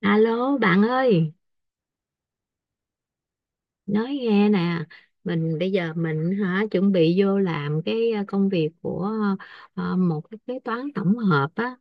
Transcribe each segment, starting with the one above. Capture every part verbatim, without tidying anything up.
Alo bạn ơi, nói nghe nè, mình bây giờ mình hả chuẩn bị vô làm cái ờ, công việc của ờ, một cái kế toán tổng hợp á,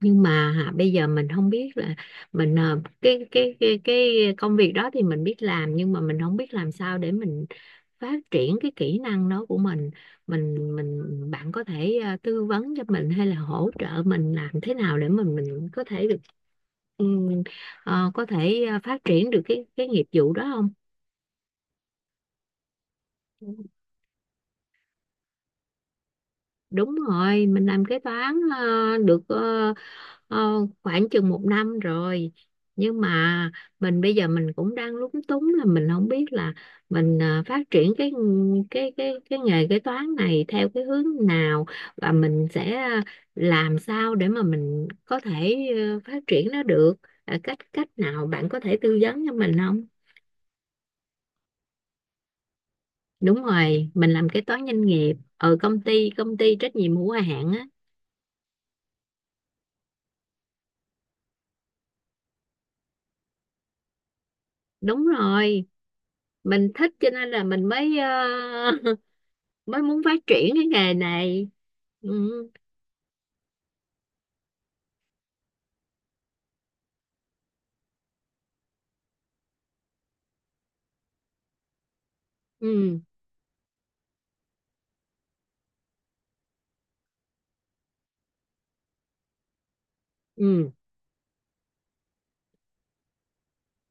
nhưng mà hả, bây giờ mình không biết là mình ờ, cái, cái cái cái công việc đó thì mình biết làm, nhưng mà mình không biết làm sao để mình phát triển cái kỹ năng đó của mình. Mình mình bạn có thể ờ, tư vấn cho mình hay là hỗ trợ mình làm thế nào để mình mình có thể được ừ, ờ, có thể ờ, phát triển được cái cái nghiệp vụ đó không? Đúng rồi, mình làm kế toán ờ, được ờ, ờ, khoảng chừng một năm rồi. Nhưng mà mình bây giờ mình cũng đang lúng túng, là mình không biết là mình ờ, phát triển cái cái cái cái nghề kế toán này theo cái hướng nào, và mình sẽ làm sao để mà mình có thể ờ, phát triển nó được. Ờ, cách cách nào bạn có thể tư vấn cho mình không? Đúng rồi, mình làm kế toán doanh nghiệp ở công ty công ty trách nhiệm hữu hạn á. Đúng rồi. Mình thích cho nên là mình mới ờ, mới muốn phát triển cái nghề này. Ừ. Ừ. Ừ,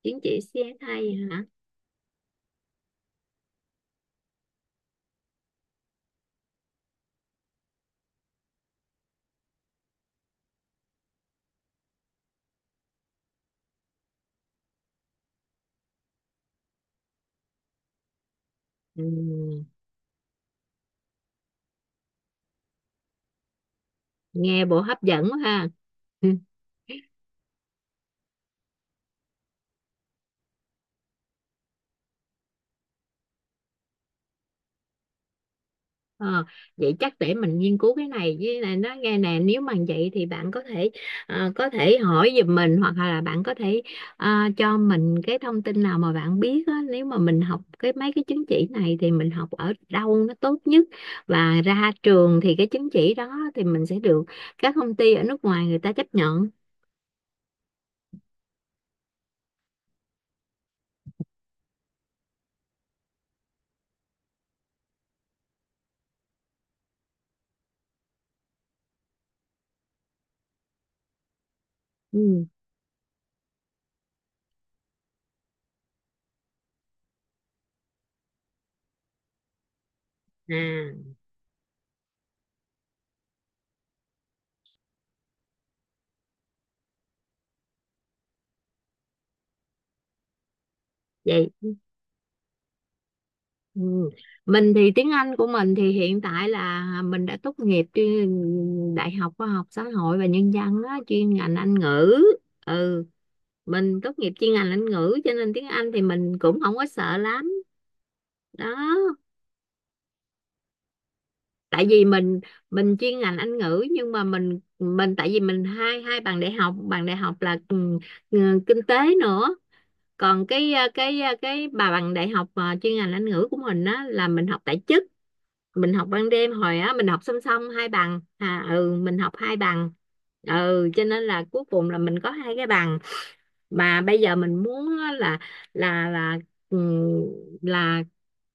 chứng chỉ xi ét ây hả. Ừ. Nghe bộ hấp dẫn quá ha. Ờ, vậy chắc để mình nghiên cứu cái này. Với này nó nghe nè, nếu mà vậy thì bạn có thể ờ, có thể hỏi giùm mình, hoặc là bạn có thể ờ, cho mình cái thông tin nào mà bạn biết á, nếu mà mình học cái mấy cái chứng chỉ này thì mình học ở đâu nó tốt nhất, và ra trường thì cái chứng chỉ đó thì mình sẽ được các công ty ở nước ngoài người ta chấp nhận. Ừ. À vậy. Ừ. Mình thì tiếng Anh của mình thì hiện tại là mình đã tốt nghiệp chuyên Đại học Khoa học Xã hội và Nhân dân á, chuyên ngành Anh ngữ. Ừ, mình tốt nghiệp chuyên ngành Anh ngữ cho nên tiếng Anh thì mình cũng không có sợ lắm. Đó, tại vì mình mình chuyên ngành Anh ngữ, nhưng mà mình mình tại vì mình hai hai bằng đại học, bằng đại học là ừ, ừ, kinh tế nữa. Còn cái ờ, cái ờ, cái bà bằng đại học ờ, chuyên ngành Anh ngữ của mình á là mình học tại chức, mình học ban đêm. Hồi á mình học song song hai bằng, à ừ mình học hai bằng, ừ cho nên là cuối cùng là mình có hai cái bằng. Mà bây giờ mình muốn á là là là ừm, là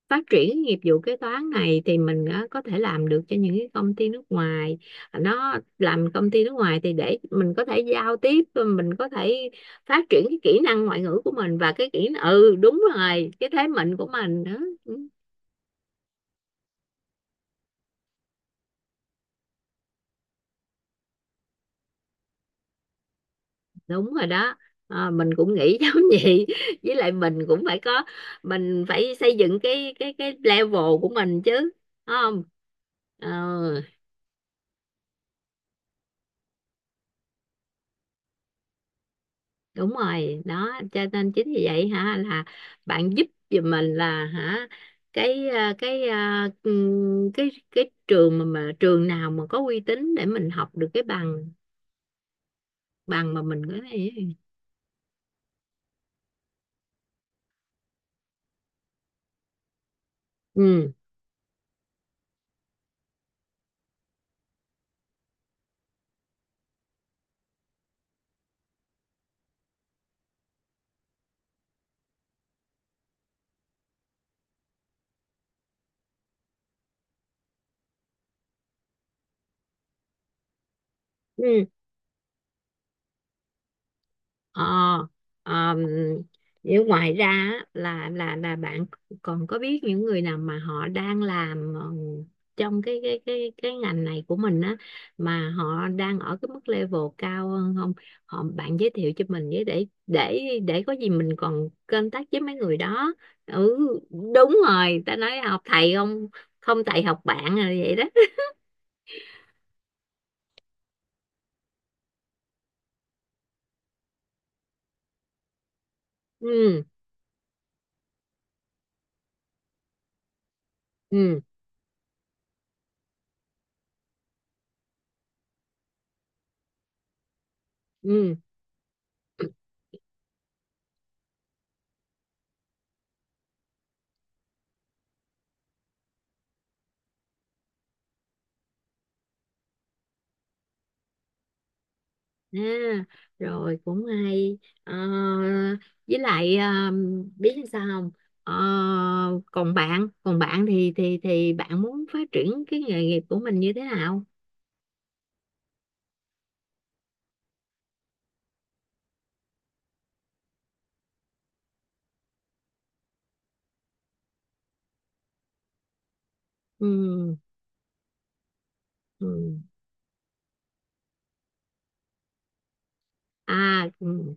phát triển cái nghiệp vụ kế toán này thì mình á, có thể làm được cho những cái công ty nước ngoài. Nó làm công ty nước ngoài thì để mình có thể giao tiếp, mình có thể phát triển cái kỹ năng ngoại ngữ của mình, và cái kỹ, ừ đúng rồi, cái thế mạnh của mình đó. Đúng rồi đó. À, mình cũng nghĩ giống vậy. Với lại mình cũng phải có, mình phải xây dựng cái cái cái level của mình chứ. Đúng không? Ờ đúng rồi đó, cho nên chính vì vậy hả là bạn giúp giùm mình là hả cái à, cái à, ừm, cái cái trường mà, mà trường nào mà có uy tín để mình học được cái bằng, bằng mà mình có thể. Ừ. Ừ. Ờ, ờm, nếu ngoài ra á, là là là bạn còn có biết những người nào mà họ đang làm ờ, trong cái cái cái cái ngành này của mình á, mà họ đang ở cái mức level cao hơn không? Họ bạn giới thiệu cho mình với, để để để có gì mình còn contact với mấy người đó. Ừ đúng rồi, ta nói học thầy không, không thầy học bạn, rồi vậy đó. Ừ. Ừ. Ừ. À, rồi cũng hay. Ờ, với lại ờ, biết làm sao không. Ờ, còn bạn còn bạn thì thì thì bạn muốn phát triển cái nghề nghiệp của mình như thế nào. Ừ, ừ. À ừ.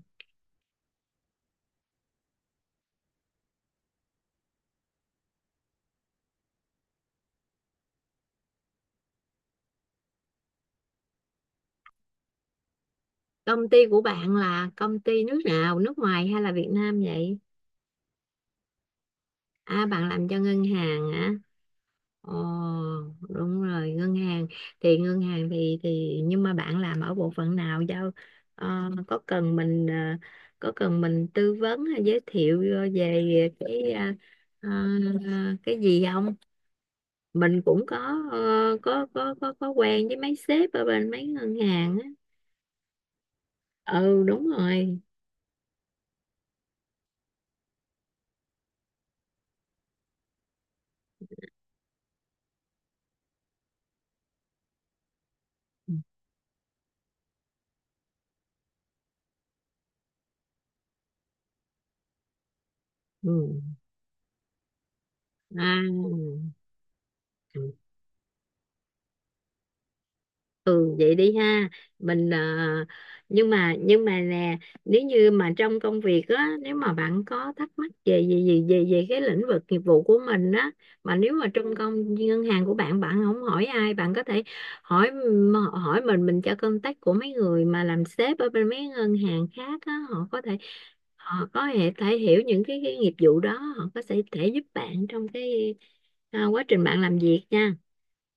Công ty của bạn là công ty nước nào, nước ngoài hay là Việt Nam vậy? À bạn làm cho ngân hàng hả? Ồ, đúng rồi, ngân hàng. Thì ngân hàng thì thì nhưng mà bạn làm ở bộ phận nào đâu? Ờ, có cần mình ờ, có cần mình tư vấn hay giới thiệu về cái ờ, ờ, cái gì không? Mình cũng có ờ, có có có có quen với mấy sếp ở bên mấy ngân hàng á. Ừ đúng rồi. Ừ. À, ừ vậy đi ha. mình à, nhưng mà nhưng mà nè, nếu như mà trong công việc á, nếu mà bạn có thắc mắc về về về về, về cái lĩnh vực nghiệp vụ của mình á, mà nếu mà trong công ngân hàng của bạn bạn không hỏi ai, bạn có thể hỏi m- hỏi mình. Mình cho contact của mấy người mà làm sếp ở bên mấy ngân hàng khác á, họ có thể, họ có thể, thể hiểu những cái, cái nghiệp vụ đó, họ có thể thể giúp bạn trong cái à, quá trình bạn làm việc nha.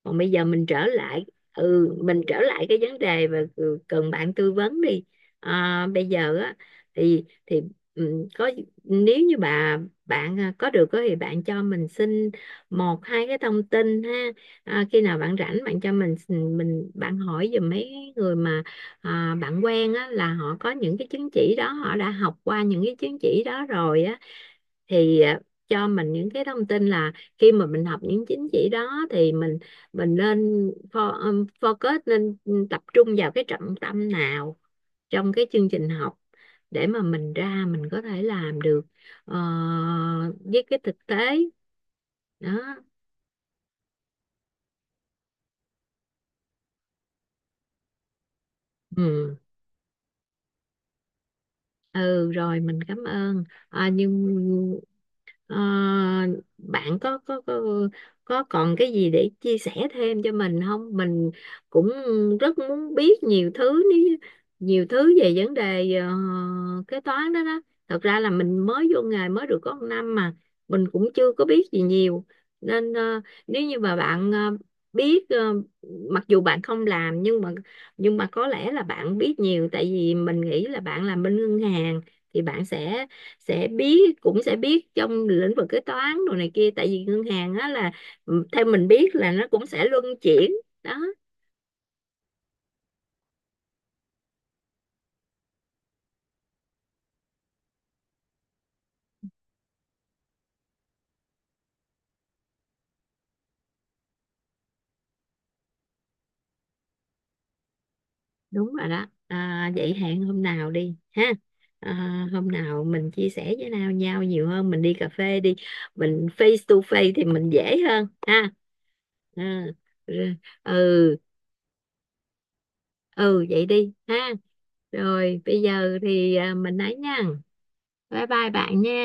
Còn bây giờ mình trở lại, ừ mình trở lại cái vấn đề mà c- cần bạn tư vấn đi. À, bây giờ á, thì thì ừ, có, nếu như bà bạn à, có được á thì bạn cho mình xin một hai cái thông tin ha. À, khi nào bạn rảnh bạn cho mình mình bạn hỏi giùm mấy người mà à, bạn quen á là họ có những cái chứng chỉ đó, họ đã học qua những cái chứng chỉ đó rồi á, thì à, cho mình những cái thông tin là khi mà mình học những chứng chỉ đó thì mình mình nên fo- um, focus, nên tập trung vào cái trọng tâm nào trong cái chương trình học để mà mình ra mình có thể làm được ờ, với cái thực tế đó. Ừ, ừ rồi mình cảm ơn. À, nhưng ờ, bạn có, có có có còn cái gì để chia sẻ thêm cho mình không? Mình cũng rất muốn biết nhiều thứ, ní- nhiều thứ về vấn đề ờ, kế toán đó đó. Thật ra là mình mới vô nghề mới được có một năm mà, mình cũng chưa có biết gì nhiều. Nên ờ, nếu như mà bạn ờ, biết ờ, mặc dù bạn không làm, nhưng mà nhưng mà có lẽ là bạn biết nhiều, tại vì mình nghĩ là bạn làm bên ngân hàng thì bạn sẽ sẽ biết cũng sẽ biết trong lĩnh vực kế toán đồ này kia, tại vì ngân hàng á là ừ, theo mình biết là nó cũng sẽ luân chuyển đó. Đúng rồi đó. À, vậy hẹn hôm nào đi ha. À, hôm nào mình chia sẻ với nhau nhau nhiều hơn, mình đi cà phê đi. Mình face to face thì mình dễ hơn ha. Ừ. Ừ, ừ vậy đi ha. Rồi bây giờ thì à, mình nói nha, bye bye bạn nha.